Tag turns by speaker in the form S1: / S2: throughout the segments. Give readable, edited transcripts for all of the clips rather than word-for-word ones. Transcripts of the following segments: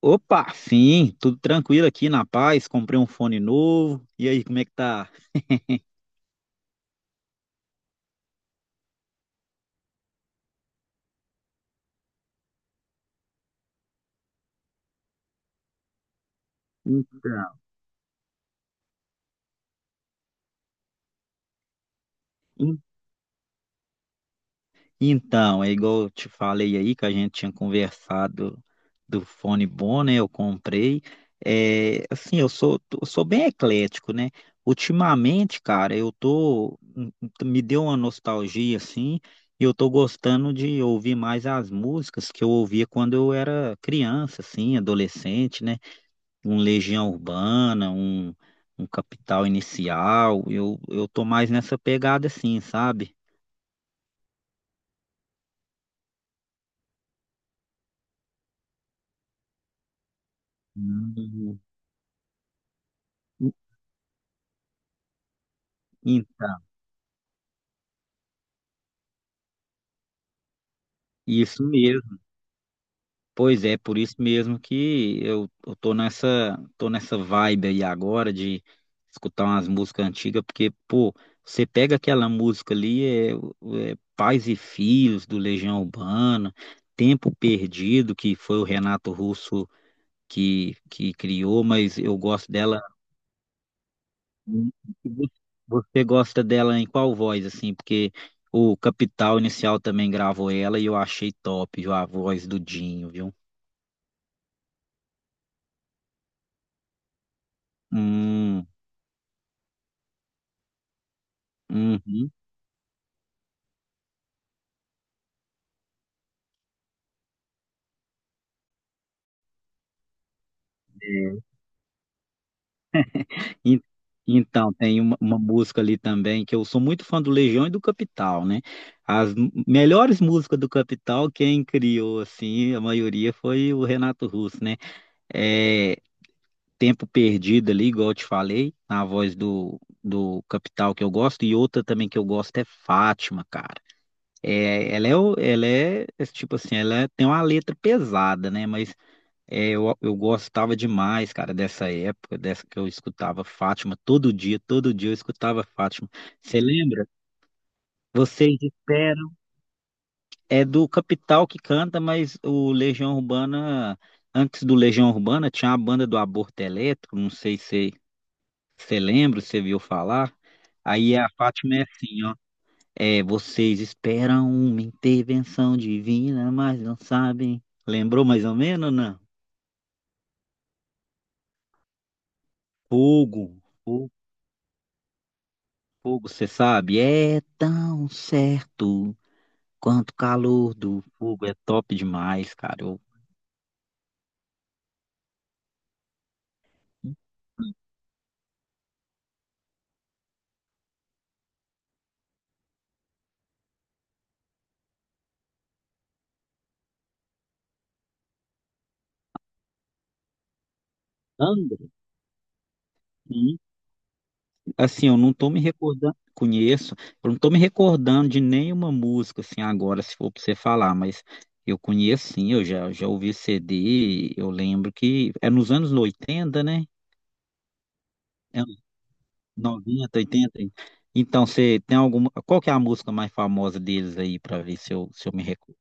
S1: Opa, sim, tudo tranquilo aqui na paz. Comprei um fone novo. E aí, como é que tá? Então, en- então, é igual eu te falei aí que a gente tinha conversado do fone bom, né? Eu comprei. É, assim, eu sou bem eclético, né? Ultimamente, cara, me deu uma nostalgia assim, e eu tô gostando de ouvir mais as músicas que eu ouvia quando eu era criança, assim, adolescente, né? Um Legião Urbana, um Capital Inicial. Eu tô mais nessa pegada assim, sabe? Hum. Então, isso mesmo. Pois é, por isso mesmo que eu tô nessa, vibe aí agora de escutar umas músicas antigas, porque, pô, você pega aquela música ali, é Pais e Filhos, do Legião Urbana, Tempo Perdido, que foi o Renato Russo que criou, mas eu gosto dela. Hum. e vo- Você gosta dela em qual voz, assim? Porque o Capital Inicial também gravou ela e eu achei top, viu? A voz do Dinho, viu? Hum. Uhum. E- Então, tem uma, música ali também, que eu sou muito fã do Legião e do Capital, né? As melhores músicas do Capital, quem criou, assim, a maioria foi o Renato Russo, né? É, tempo perdido ali, igual eu te falei, na voz do, Capital que eu gosto, e outra também que eu gosto é Fátima, cara. É, ela é é tipo assim, tem uma letra pesada, né? Mas é, eu gostava demais, cara, dessa época, dessa que eu escutava Fátima todo dia eu escutava Fátima. Você lembra? Vocês esperam. É do Capital que canta, mas o Legião Urbana, antes do Legião Urbana, tinha a banda do Aborto Elétrico, não sei se você lembra. Você viu falar? Aí a Fátima é assim, ó. É, vocês esperam uma intervenção divina, mas não sabem. Lembrou mais ou menos, não? Fogo, fogo, fogo, você sabe? É tão certo quanto o calor do fogo. É top demais, cara. André, sim. Assim, eu não tô me recordando, conheço, eu não tô me recordando de nenhuma música, assim, agora, se for pra você falar, mas eu conheço, sim, eu já ouvi CD, eu lembro que é nos anos 80, né? É 90, 80. Então, você tem alguma, qual que é a música mais famosa deles aí, pra ver se eu, me recordo?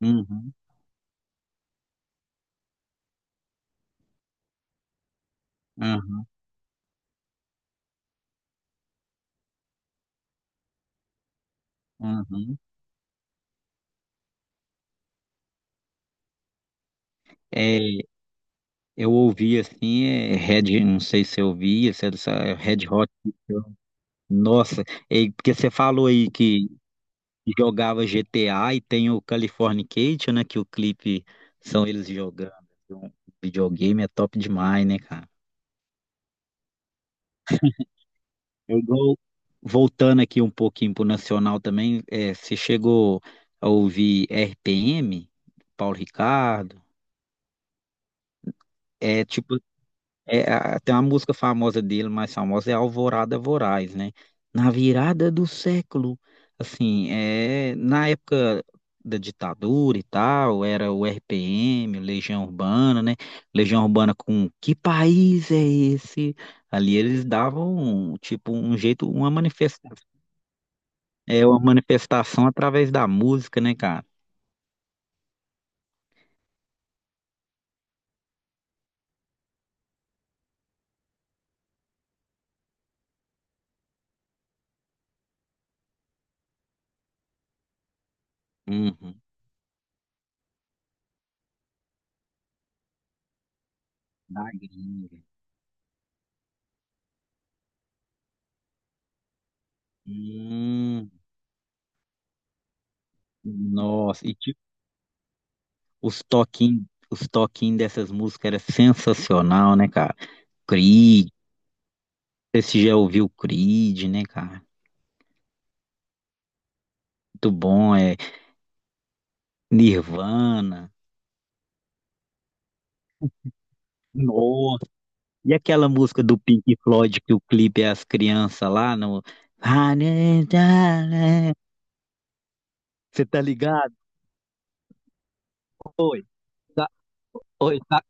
S1: Uhum, uhum, uhum. É, eu ouvi, assim, é Red, não sei se eu ouvi, se é Red Hot. Nossa, é, porque você falou aí que jogava GTA e tem o Californication, né? Que o clipe são eles jogando, assim. Um videogame é top demais, né, cara? Eu vou- Voltando aqui um pouquinho pro Nacional também, é, você chegou a ouvir RPM, Paulo Ricardo? É tipo, tem uma música famosa dele, mais famosa, é Alvorada Voraz, né? Na virada do século, assim, é, na época da ditadura e tal, era o RPM, o Legião Urbana, né? Legião Urbana com que país é esse? Ali eles davam, um, tipo, um jeito, uma manifestação, é uma manifestação através da música, né, cara? Uhum. Da gringa. Hum. Nossa. Os toquinhos dessas músicas era sensacional, né, cara? Creed, você já ouviu Creed, né, cara? Muito bom, é Nirvana. Nossa, e aquela música do Pink Floyd que o clipe é as crianças lá no. Você tá ligado? Oi, tá, oi, tá.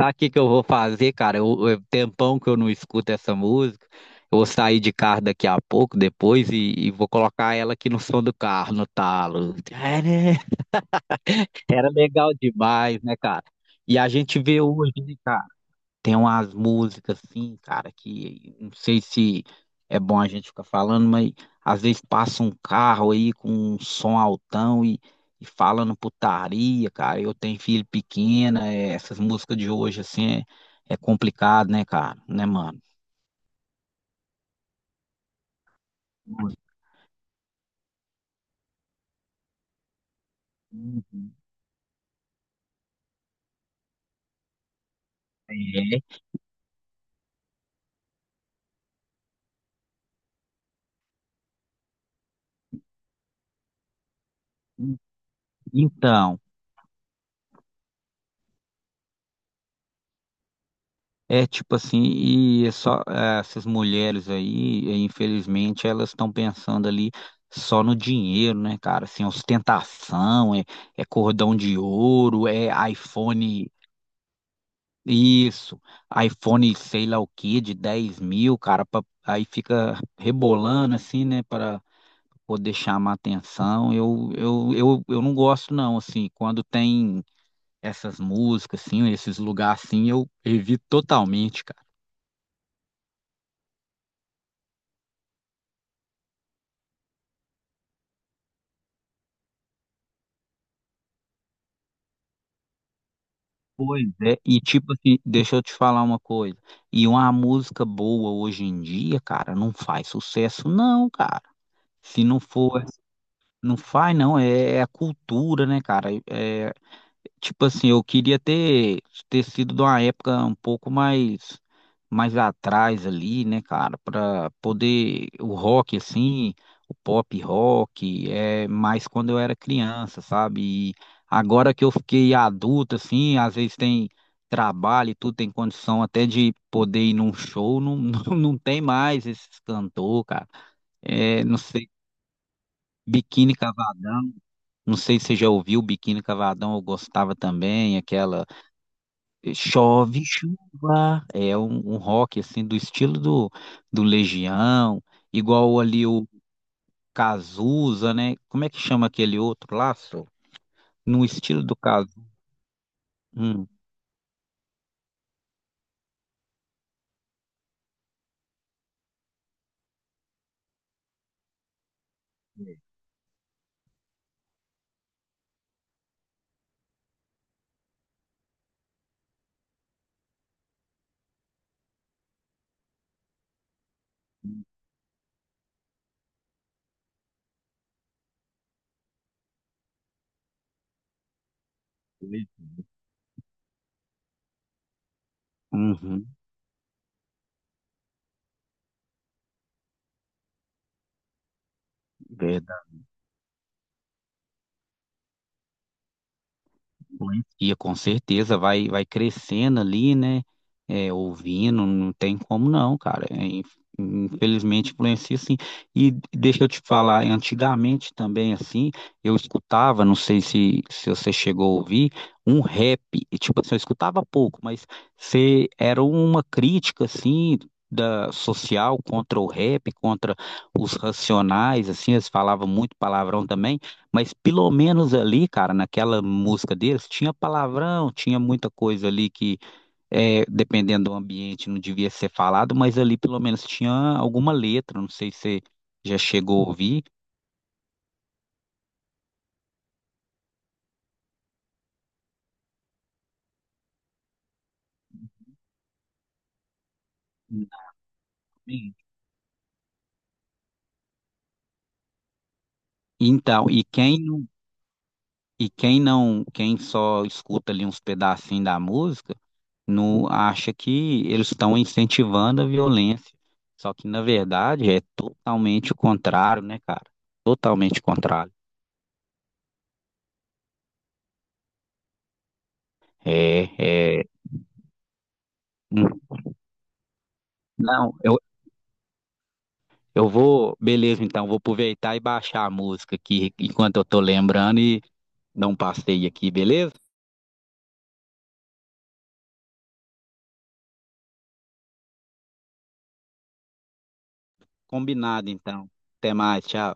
S1: Sabe o que que eu vou fazer, cara? Tempão que eu não escuto essa música. Eu vou sair de carro daqui a pouco, depois, e vou colocar ela aqui no som do carro, no talo. É, né? Era legal demais, né, cara? E a gente vê hoje, né, cara? Tem umas músicas assim, cara, que não sei se é bom a gente ficar falando, mas às vezes passa um carro aí com um som altão e falando putaria, cara. Eu tenho filho pequeno, é, essas músicas de hoje assim é complicado, né, cara? Né, mano? Uhum. É. Então, é tipo assim, e é só essas mulheres aí, infelizmente, elas estão pensando ali só no dinheiro, né, cara? Assim, ostentação, é, cordão de ouro, é iPhone, isso, iPhone sei lá o que, de 10 mil, cara, aí fica rebolando assim, né, para poder chamar atenção. Eu não gosto, não, assim, quando tem essas músicas, assim, esses lugares assim, eu evito totalmente. Pois é, e tipo assim, deixa eu te falar uma coisa. E uma música boa hoje em dia, cara, não faz sucesso, não, cara. Se não for, não faz, não. É a cultura, né, cara? É tipo assim, eu queria ter, sido de uma época um pouco mais atrás ali, né, cara, pra poder o rock assim, o pop rock, é mais quando eu era criança, sabe? E agora que eu fiquei adulto assim, às vezes tem trabalho e tudo, tem condição até de poder ir num show, não, não, não tem mais esses cantor, cara. É, não sei, Biquíni Cavadão, não sei se você já ouviu Biquíni Cavadão, eu gostava também, aquela Chove Chuva, é um rock assim do estilo do Legião, igual ali o Cazuza, né? Como é que chama aquele outro lá, só? No estilo do Cazuza. Hum. Uhum. Influencia, com certeza, vai crescendo ali, né? É, ouvindo, não tem como não, cara. É, infelizmente influencia sim. E deixa eu te falar, antigamente também, assim, eu escutava, não sei se você chegou a ouvir, um rap. E, tipo assim, eu escutava pouco, mas se era uma crítica, assim, da social contra o rap, contra os racionais, assim, eles falavam muito palavrão também. Mas pelo menos ali, cara, naquela música deles, tinha palavrão, tinha muita coisa ali que, é, dependendo do ambiente, não devia ser falado, mas ali pelo menos tinha alguma letra, não sei se você já chegou a ouvir. Sim. Então, e quem não, quem só escuta ali uns pedacinhos da música, não acha que eles estão incentivando a violência. Só que, na verdade, é totalmente o contrário, né, cara? Totalmente o contrário. É, é. Não, eu vou, beleza, então, vou aproveitar e baixar a música aqui enquanto eu tô lembrando e dar um passeio aqui, beleza? Combinado, então. Até mais, tchau.